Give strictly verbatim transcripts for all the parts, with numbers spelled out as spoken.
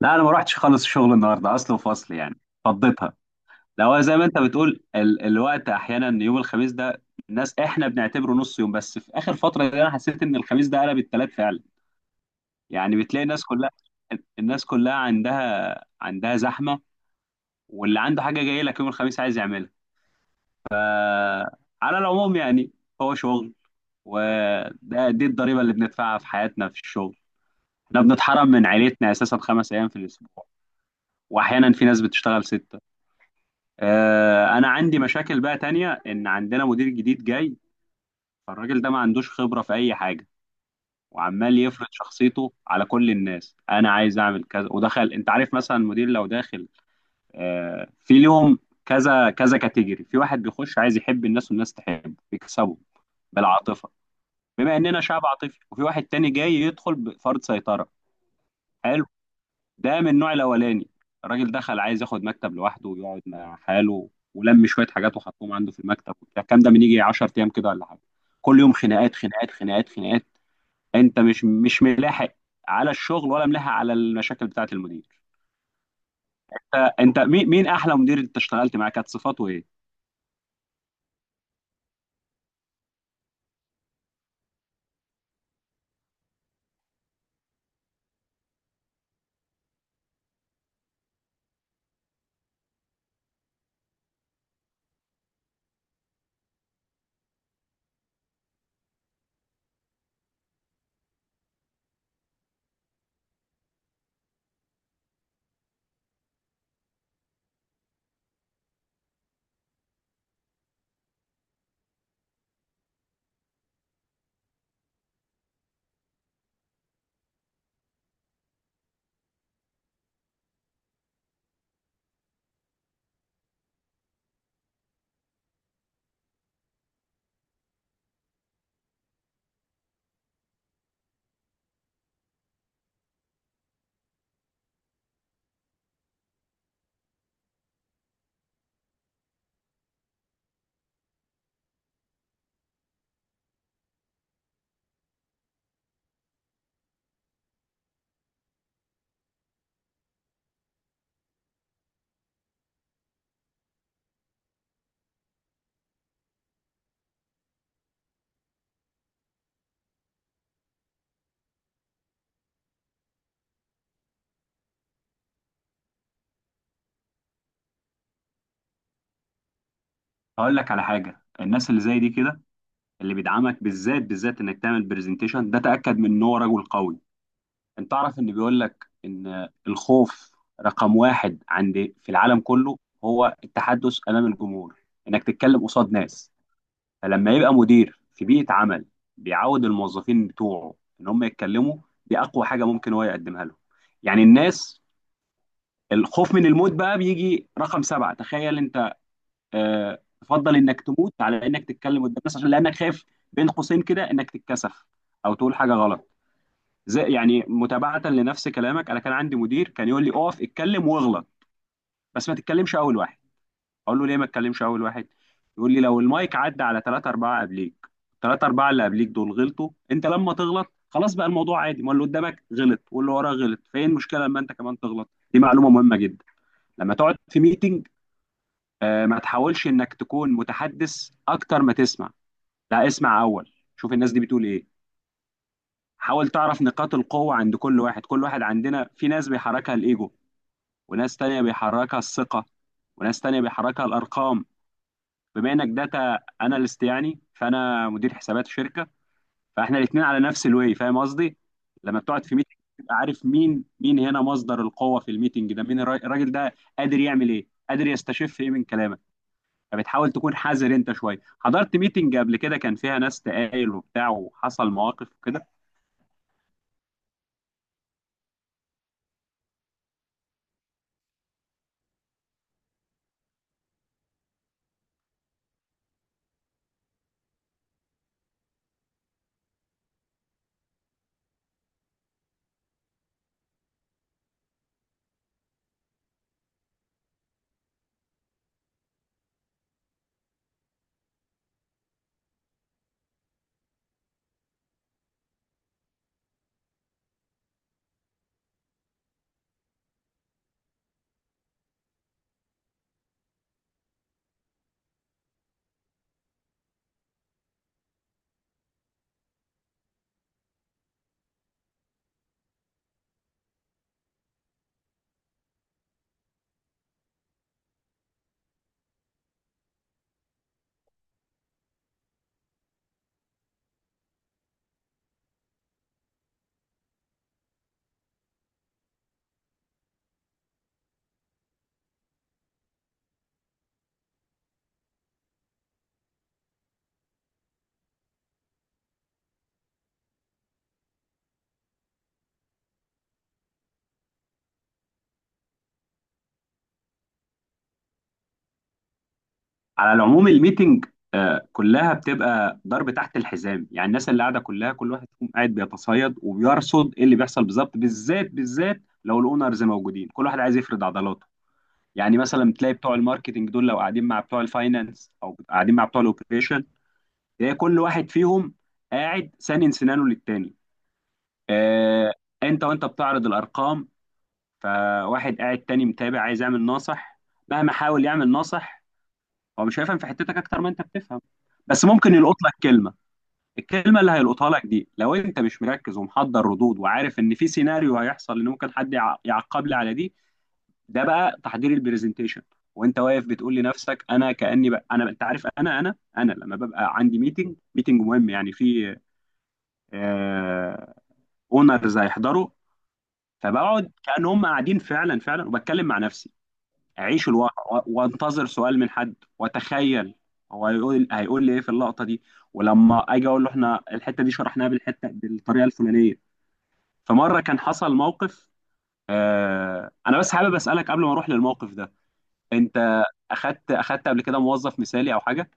لا، انا ما رحتش خالص الشغل النهارده. اصل وفصل يعني فضيتها. لا هو زي ما انت بتقول ال الوقت احيانا يوم الخميس ده الناس احنا بنعتبره نص يوم، بس في اخر فتره دي انا حسيت ان الخميس ده قلب التلات فعلا. يعني بتلاقي الناس كلها. الناس كلها عندها عندها زحمه، واللي عنده حاجه جايه لك يوم الخميس عايز يعملها. على العموم يعني هو شغل، وده دي الضريبه اللي بندفعها في حياتنا في الشغل. احنا بنتحرم من عيلتنا اساسا خمس ايام في الاسبوع، واحيانا في ناس بتشتغل ست. آه، انا عندي مشاكل بقى تانية، ان عندنا مدير جديد جاي. فالراجل ده ما عندوش خبرة في اي حاجة، وعمال يفرض شخصيته على كل الناس. انا عايز اعمل كذا ودخل. انت عارف مثلا المدير لو داخل آه، في اليوم، كذا كذا كاتيجوري. في واحد بيخش عايز يحب الناس والناس تحبه، يكسبه بالعاطفة بما اننا شعب عاطفي. وفي واحد تاني جاي يدخل بفرض سيطرة. حلو. ده من النوع الاولاني. الراجل دخل عايز ياخد مكتب لوحده ويقعد مع حاله، ولم شويه حاجات وحطهم عنده في المكتب وبتاع الكلام ده من يجي عشر ايام كده ولا حاجه. كل يوم خناقات، خناقات، خناقات، خناقات. انت مش مش ملاحق على الشغل ولا ملاحق على المشاكل بتاعه المدير. انت انت مين مين احلى مدير انت اشتغلت معاه؟ كانت صفاته ايه؟ هقول لك على حاجه. الناس اللي زي دي كده، اللي بيدعمك بالذات بالذات انك تعمل برزنتيشن، ده تاكد من ان هو رجل قوي. انت تعرف ان بيقول لك ان الخوف رقم واحد عند في العالم كله هو التحدث امام الجمهور، انك تتكلم قصاد ناس. فلما يبقى مدير في بيئة عمل بيعود الموظفين بتوعه ان هم يتكلموا، دي اقوى حاجة ممكن هو يقدمها لهم. يعني الناس الخوف من الموت بقى بيجي رقم سبعة، تخيل انت. اه، تفضل انك تموت على انك تتكلم قدام الناس عشان لانك خايف، بين قوسين كده انك تتكسف او تقول حاجة غلط. زي يعني متابعة لنفس كلامك، أنا كان عندي مدير كان يقول لي أقف اتكلم واغلط، بس ما تتكلمش أول واحد. أقول له ليه ما تتكلمش أول واحد؟ يقول لي لو المايك عدى على ثلاثة أربعة قبليك، ثلاثة أربعة اللي قبليك دول غلطوا، أنت لما تغلط خلاص بقى الموضوع عادي. ما اللي قدامك غلط واللي وراه غلط، فين المشكلة لما أنت كمان تغلط؟ دي معلومة مهمة جدا. لما تقعد في ميتنج، آه، ما تحاولش إنك تكون متحدث أكتر ما تسمع. لا، اسمع أول، شوف الناس دي بتقول إيه. حاول تعرف نقاط القوة عند كل واحد. كل واحد عندنا، في ناس بيحركها الإيجو، وناس تانية بيحركها الثقة، وناس تانية بيحركها الأرقام. بما إنك داتا أناليست يعني، فأنا مدير حسابات شركة، فإحنا الاتنين على نفس الوي. فاهم قصدي؟ لما بتقعد في ميتنج تبقى عارف مين مين هنا مصدر القوة في الميتنج ده. مين الراي- الراجل ده قادر يعمل إيه؟ قادر يستشف إيه من كلامك؟ فبتحاول تكون حذر. أنت شوية حضرت ميتنج قبل كده كان فيها ناس تقايل وبتاع وحصل مواقف كده؟ على العموم الميتنج آه، كلها بتبقى ضرب تحت الحزام. يعني الناس اللي قاعده كلها، كل واحد فيهم قاعد بيتصيد وبيرصد ايه اللي بيحصل بالظبط، بالذات بالذات لو الاونرز موجودين كل واحد عايز يفرض عضلاته. يعني مثلا تلاقي بتوع الماركتنج دول لو قاعدين مع بتوع الفاينانس او قاعدين مع بتوع الاوبريشن، تلاقي كل واحد فيهم قاعد سانن سنانه للتاني. آه، انت وانت بتعرض الارقام، فواحد قاعد تاني متابع عايز يعمل ناصح. مهما حاول يعمل ناصح، هو مش هيفهم في حتتك اكتر ما انت بتفهم، بس ممكن يلقط لك كلمه. الكلمه اللي هيلقطها لك دي، لو انت مش مركز ومحضر ردود وعارف ان في سيناريو هيحصل ان ممكن حد يع- يعقب لي على دي، ده بقى تحضير البرزنتيشن. وانت واقف بتقول لنفسك انا كاني بقى انا، انت عارف، انا انا انا لما ببقى عندي ميتنج ميتنج مهم يعني في اونرز هيحضروا، فبقعد كأن هم قاعدين فعلا فعلا، وبتكلم مع نفسي. اعيش الواقع و- وانتظر سؤال من حد واتخيل هو هيقول هيقول لي ايه في اللقطه دي، ولما اجي اقول له احنا الحته دي شرحناها بالحته بالطريقه الفلانيه. فمره كان حصل موقف. آه، انا بس حابب اسالك قبل ما اروح للموقف ده، انت اخدت اخدت قبل كده موظف مثالي او حاجه؟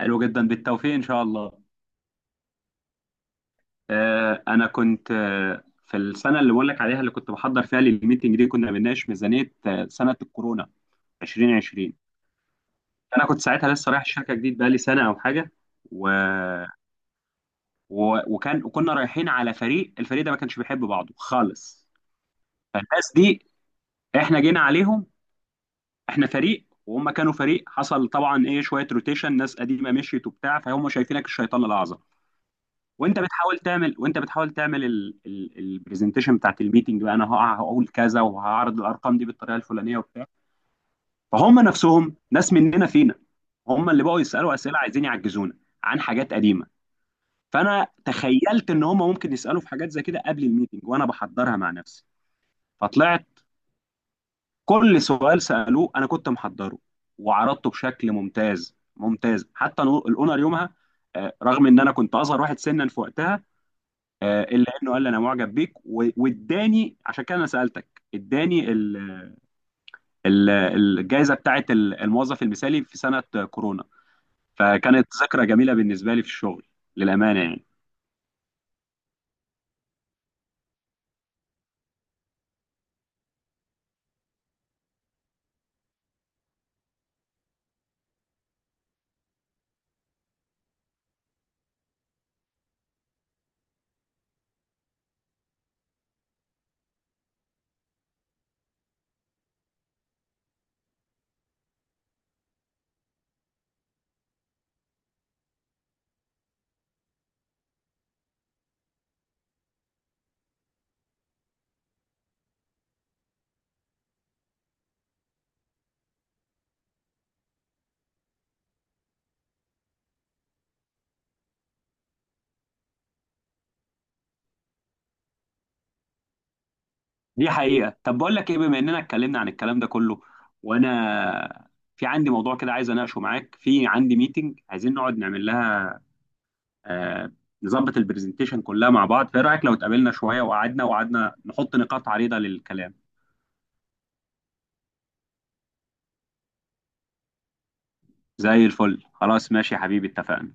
حلو جدا، بالتوفيق ان شاء الله. آه، انا كنت، آه، في السنه اللي بقول لك عليها اللي كنت بحضر فيها للميتنج دي، كنا بنناقش ميزانيه آه، سنه الكورونا ألفين وعشرين. انا كنت ساعتها لسه رايح الشركه جديد، بقالي سنه او حاجه. و... و... وكان وكنا رايحين على فريق. الفريق ده ما كانش بيحب بعضه خالص. فالناس دي احنا جينا عليهم، احنا فريق وهم كانوا فريق. حصل طبعا ايه شويه روتيشن، ناس قديمه مشيت وبتاع، فهم شايفينك الشيطان الاعظم. وانت بتحاول تعمل وانت بتحاول تعمل البرزنتيشن بتاعت الميتنج بقى، انا هقع- هقول كذا وهعرض الارقام دي بالطريقه الفلانيه وبتاع. فهم نفسهم ناس مننا فينا، هم اللي بقوا يسالوا اسئله عايزين يعجزونا عن حاجات قديمه. فانا تخيلت ان هم ممكن يسالوا في حاجات زي كده قبل الميتنج، وانا بحضرها مع نفسي. فطلعت كل سؤال سالوه انا كنت محضره، وعرضته بشكل ممتاز ممتاز. حتى الأو- الاونر يومها، آه، رغم ان انا كنت اصغر واحد سنا في وقتها، آه، الا انه قال لي انا معجب بيك، و- واداني، عشان كده انا سالتك، اداني ال- ال- الجائزه بتاعت ال- الموظف المثالي في سنه كورونا. فكانت ذكرى جميله بالنسبه لي في الشغل، للامانه يعني. دي حقيقة. طب بقول لك ايه، بما اننا اتكلمنا عن الكلام ده كله، وانا في عندي موضوع كده عايز اناقشه معاك. في عندي ميتنج عايزين نقعد نعمل لها، آه، نظبط البرزنتيشن كلها مع بعض. فايه رأيك لو اتقابلنا شوية وقعدنا، وقعدنا نحط نقاط عريضة للكلام؟ زي الفل، خلاص ماشي يا حبيبي، اتفقنا.